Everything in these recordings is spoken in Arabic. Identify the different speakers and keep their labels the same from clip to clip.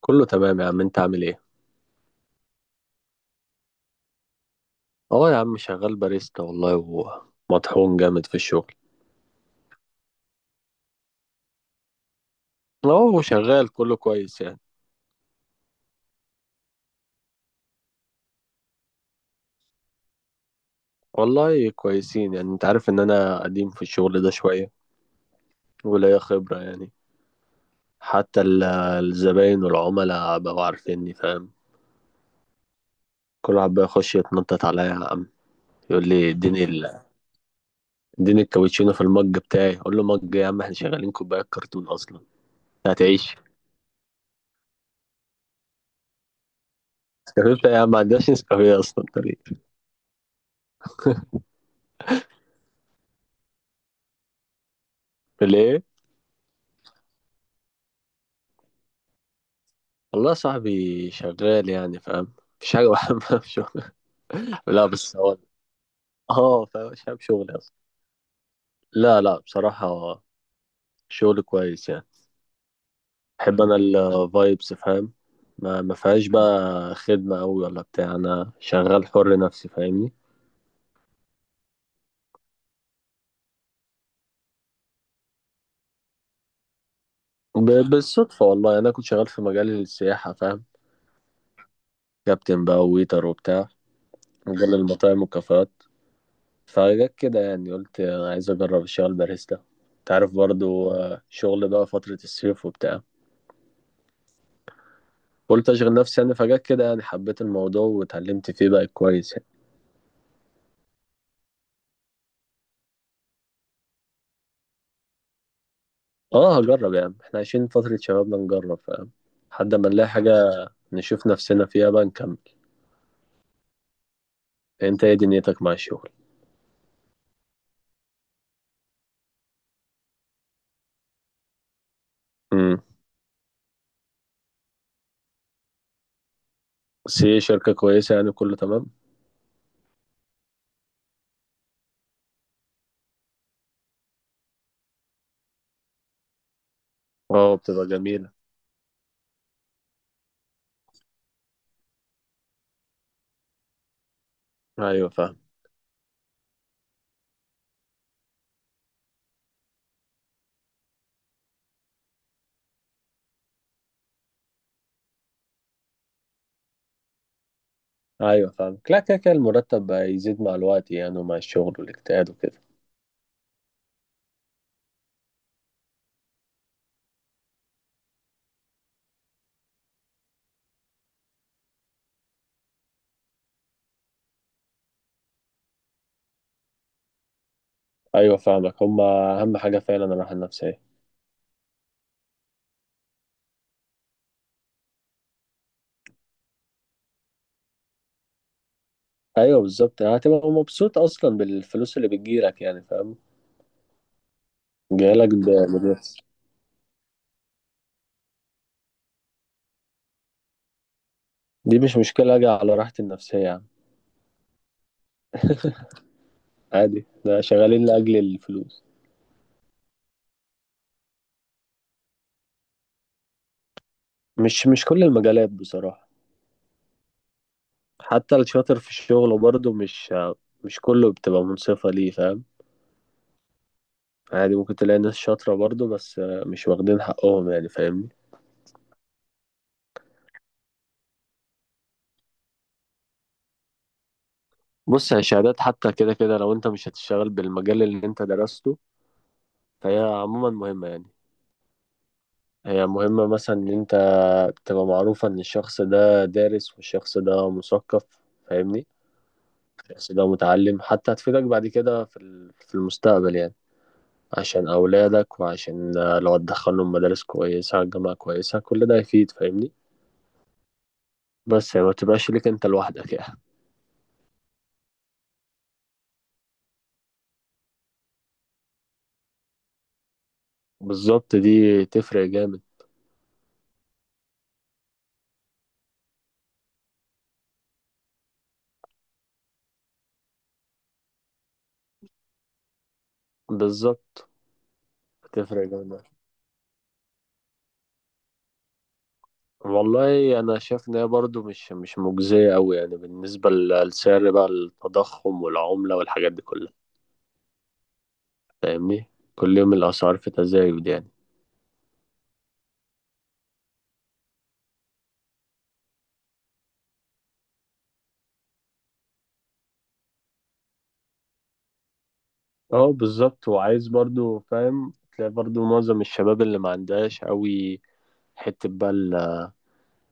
Speaker 1: كله تمام يا عم، انت عامل ايه؟ اه يا عم شغال باريستا والله، ومطحون جامد في الشغل. اه شغال كله كويس يعني. والله كويسين يعني، انت عارف ان انا قديم في الشغل ده شوية وليا خبرة يعني. حتى الزباين والعملاء بقوا عارفيني فاهم. كل واحد بقى يخش يتنطط عليا يا عم، يقول لي اديني الكابتشينو في المج بتاعي، اقول له مج يا عم، احنا شغالين كوبايات كرتون اصلا. هتعيش نسكافيه بتاعي يا عم، ما عندناش نسكافيه اصلا طريق. ليه؟ والله صاحبي شغال يعني فاهم، مفيش حاجة بحبها في شغل. لا بس هو اه فاهم، مش حابب شغلي أصلا. لا لا بصراحة، شغل كويس يعني. بحب أنا الفايبس فاهم. ما فيهاش بقى خدمة أوي ولا بتاع، أنا شغال حر نفسي فاهمني. بالصدفة والله، أنا كنت شغال في مجال السياحة فاهم. كابتن بقى وويتر وبتاع، مجال المطاعم والكافيهات. فجت كده يعني، قلت عايز أجرب الشغل باريستا، تعرف برضو شغل بقى فترة الصيف وبتاع. قلت اشغل نفسي يعني، فجأة كده يعني حبيت الموضوع واتعلمت فيه بقى كويس يعني. اه هجرب يعني، احنا عايشين فترة شبابنا نجرب فاهم، لحد ما نلاقي حاجة نشوف نفسنا فيها بقى نكمل. انت ايه دنيتك مع الشغل؟ امم بس هي شركة كويسة يعني، كله تمام. اه بتبقى جميلة. ايوه فاهم. ايوه فاهم، لا، كده كده المرتب بقى يزيد مع الوقت يعني، ومع الشغل والاجتهاد وكده. ايوه فاهمك، هما اهم حاجة فعلا الراحة النفسية. ايوه بالظبط، هتبقى مبسوط اصلا بالفلوس اللي بتجيلك يعني فاهم. جايلك ب... دي مش مشكلة، أجي على راحتي النفسية يا عم. عادي، ده شغالين لأجل الفلوس. مش كل المجالات بصراحة. حتى الشاطر في الشغل برضه مش كله بتبقى منصفة ليه فاهم. عادي ممكن تلاقي ناس شاطرة برضه، بس مش واخدين حقهم يعني فاهمني. بص يا شهادات، حتى كده كده لو انت مش هتشتغل بالمجال اللي انت درسته فهي عموما مهمة يعني. هي مهمة مثلا ان انت تبقى معروفة ان الشخص ده دارس والشخص ده مثقف فاهمني. بس لو متعلم حتى هتفيدك بعد كده في في المستقبل يعني. عشان أولادك، وعشان لو هتدخلهم مدارس كويسة جامعة كويسة، كل ده هيفيد فاهمني. بس يعني ما تبقاش ليك أنت لوحدك يعني. بالظبط، دي تفرق جامد. بالظبط، تفرق جامد. والله أنا شايف إن هي برضه مش مجزية أوي يعني، بالنسبة لسعر بقى التضخم والعملة والحاجات دي كلها فاهمني. كل يوم الأسعار في تزايد يعني. اه بالظبط، وعايز برضو فاهم تلاقي برضو معظم الشباب اللي ما عندهاش قوي حتة بقى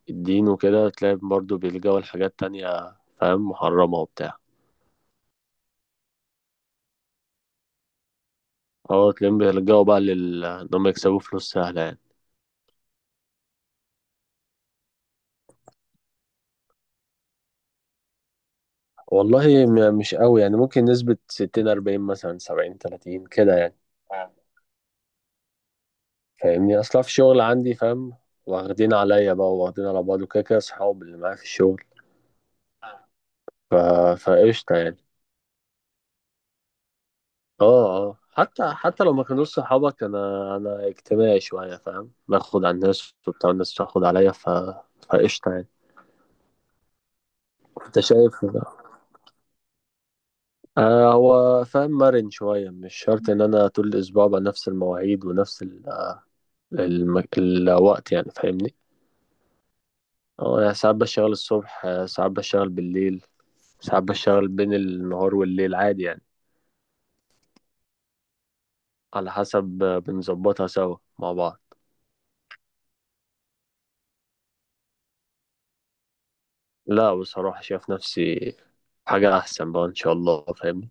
Speaker 1: الدين وكده، تلاقي برضو بيلجأوا لحاجات تانية فاهم، محرمة وبتاع. اه تلاقيهم بيلجأوا بقى لل إن هم يكسبوا فلوس سهلة يعني. والله مش قوي يعني، ممكن نسبة ستين أربعين، مثلا سبعين تلاتين كده يعني فاهمني. أصلا في الشغل عندي فاهم، واخدين عليا بقى، واخدين على بعض، وكده كده أصحاب اللي معايا في الشغل. ف... فقشطة يعني. اه اه حتى لو ما كانوش صحابك، انا اجتماعي شويه فاهم، باخد على الناس وبتاع، الناس تاخد عليا فقشطه يعني. انت شايف ده، آه هو فاهم مرن شويه، مش شرط ان انا طول الاسبوع بقى نفس المواعيد ونفس الوقت يعني فاهمني. اه يعني ساعات بشتغل الصبح، ساعات بشتغل بالليل، ساعات بشتغل بين النهار والليل عادي يعني. على حسب، بنظبطها سوا مع بعض. لا بصراحه شايف نفسي حاجه احسن بقى ان شاء الله فاهمني.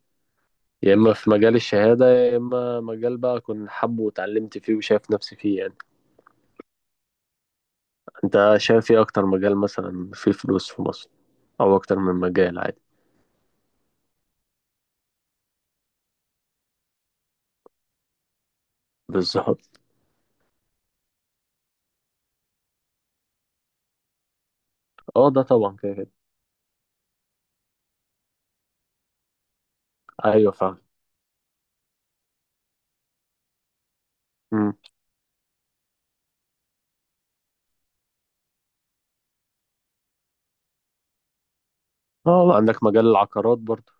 Speaker 1: يا اما في مجال الشهاده، يا اما مجال بقى اكون حابه واتعلمت فيه وشايف نفسي فيه يعني. انت شايف ايه اكتر مجال مثلا فيه فلوس في مصر، او اكتر من مجال عادي؟ بالظبط. اه ده طبعا كده كده. ايوه فاهم. مم. اه عندك مجال العقارات برضه.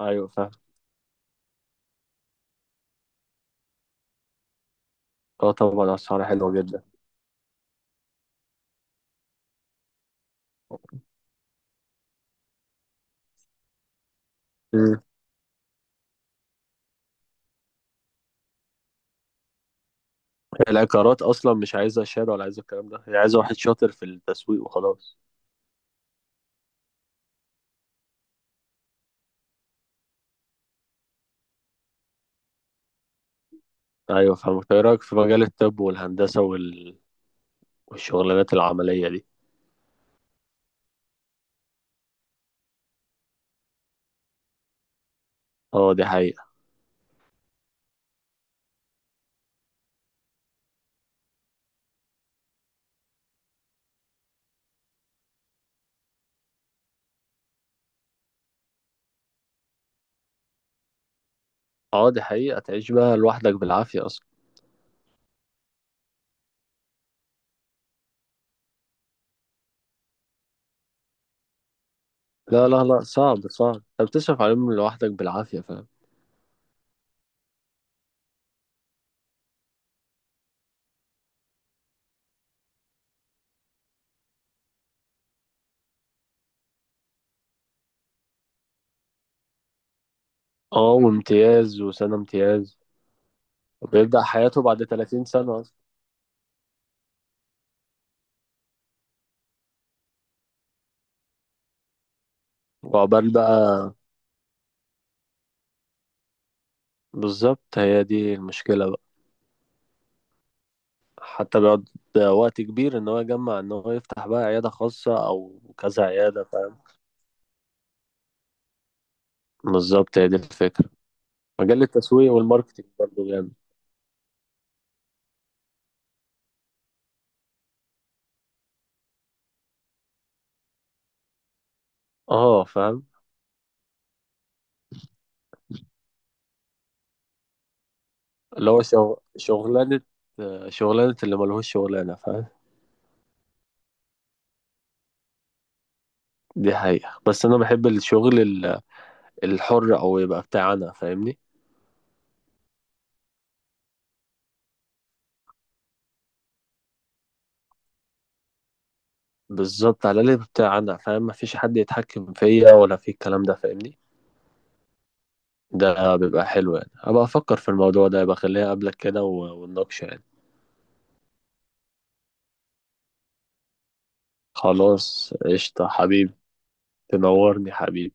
Speaker 1: ايوه فاهم. اه طبعا اسعارها حلوه جدا. مم. العقارات اصلا مش عايزه شهاده ولا عايزه الكلام ده، هي عايزه واحد شاطر في التسويق وخلاص. ايوه فاهم، ايه رايك في مجال الطب والهندسه والشغلانات العمليه دي؟ اه دي حقيقة. اه دي حقيقة، تعيش بقى لوحدك بالعافية أصلا. لا، لا، لا، صعب، صعب، أنت بتصرف عليهم لوحدك بالعافية فاهم. اه وامتياز، وسنة امتياز. وبيبدأ حياته بعد 30 سنة أصلا. وعقبال بقى، بالظبط هي دي المشكلة بقى. حتى بيقعد وقت كبير إن هو يجمع، إن هو يفتح بقى عيادة خاصة أو كذا عيادة فاهم. بالظبط، هي دي الفكرة. مجال التسويق والماركتينج برضه جامد. اه فاهم. اللي هو شغلانة، شغلانة اللي ملهوش شغلانة فاهم. دي حقيقة، بس أنا بحب الشغل الحر، أو يبقى بتاع أنا فاهمني. بالظبط، على الأقل يبقى بتاع أنا فاهم، مفيش حد يتحكم فيا ولا في الكلام ده فاهمني. ده بيبقى حلو يعني، أبقى أفكر في الموضوع ده، يبقى خليها قبلك كده ونناقشه يعني. خلاص قشطة حبيبي. تنورني حبيبي.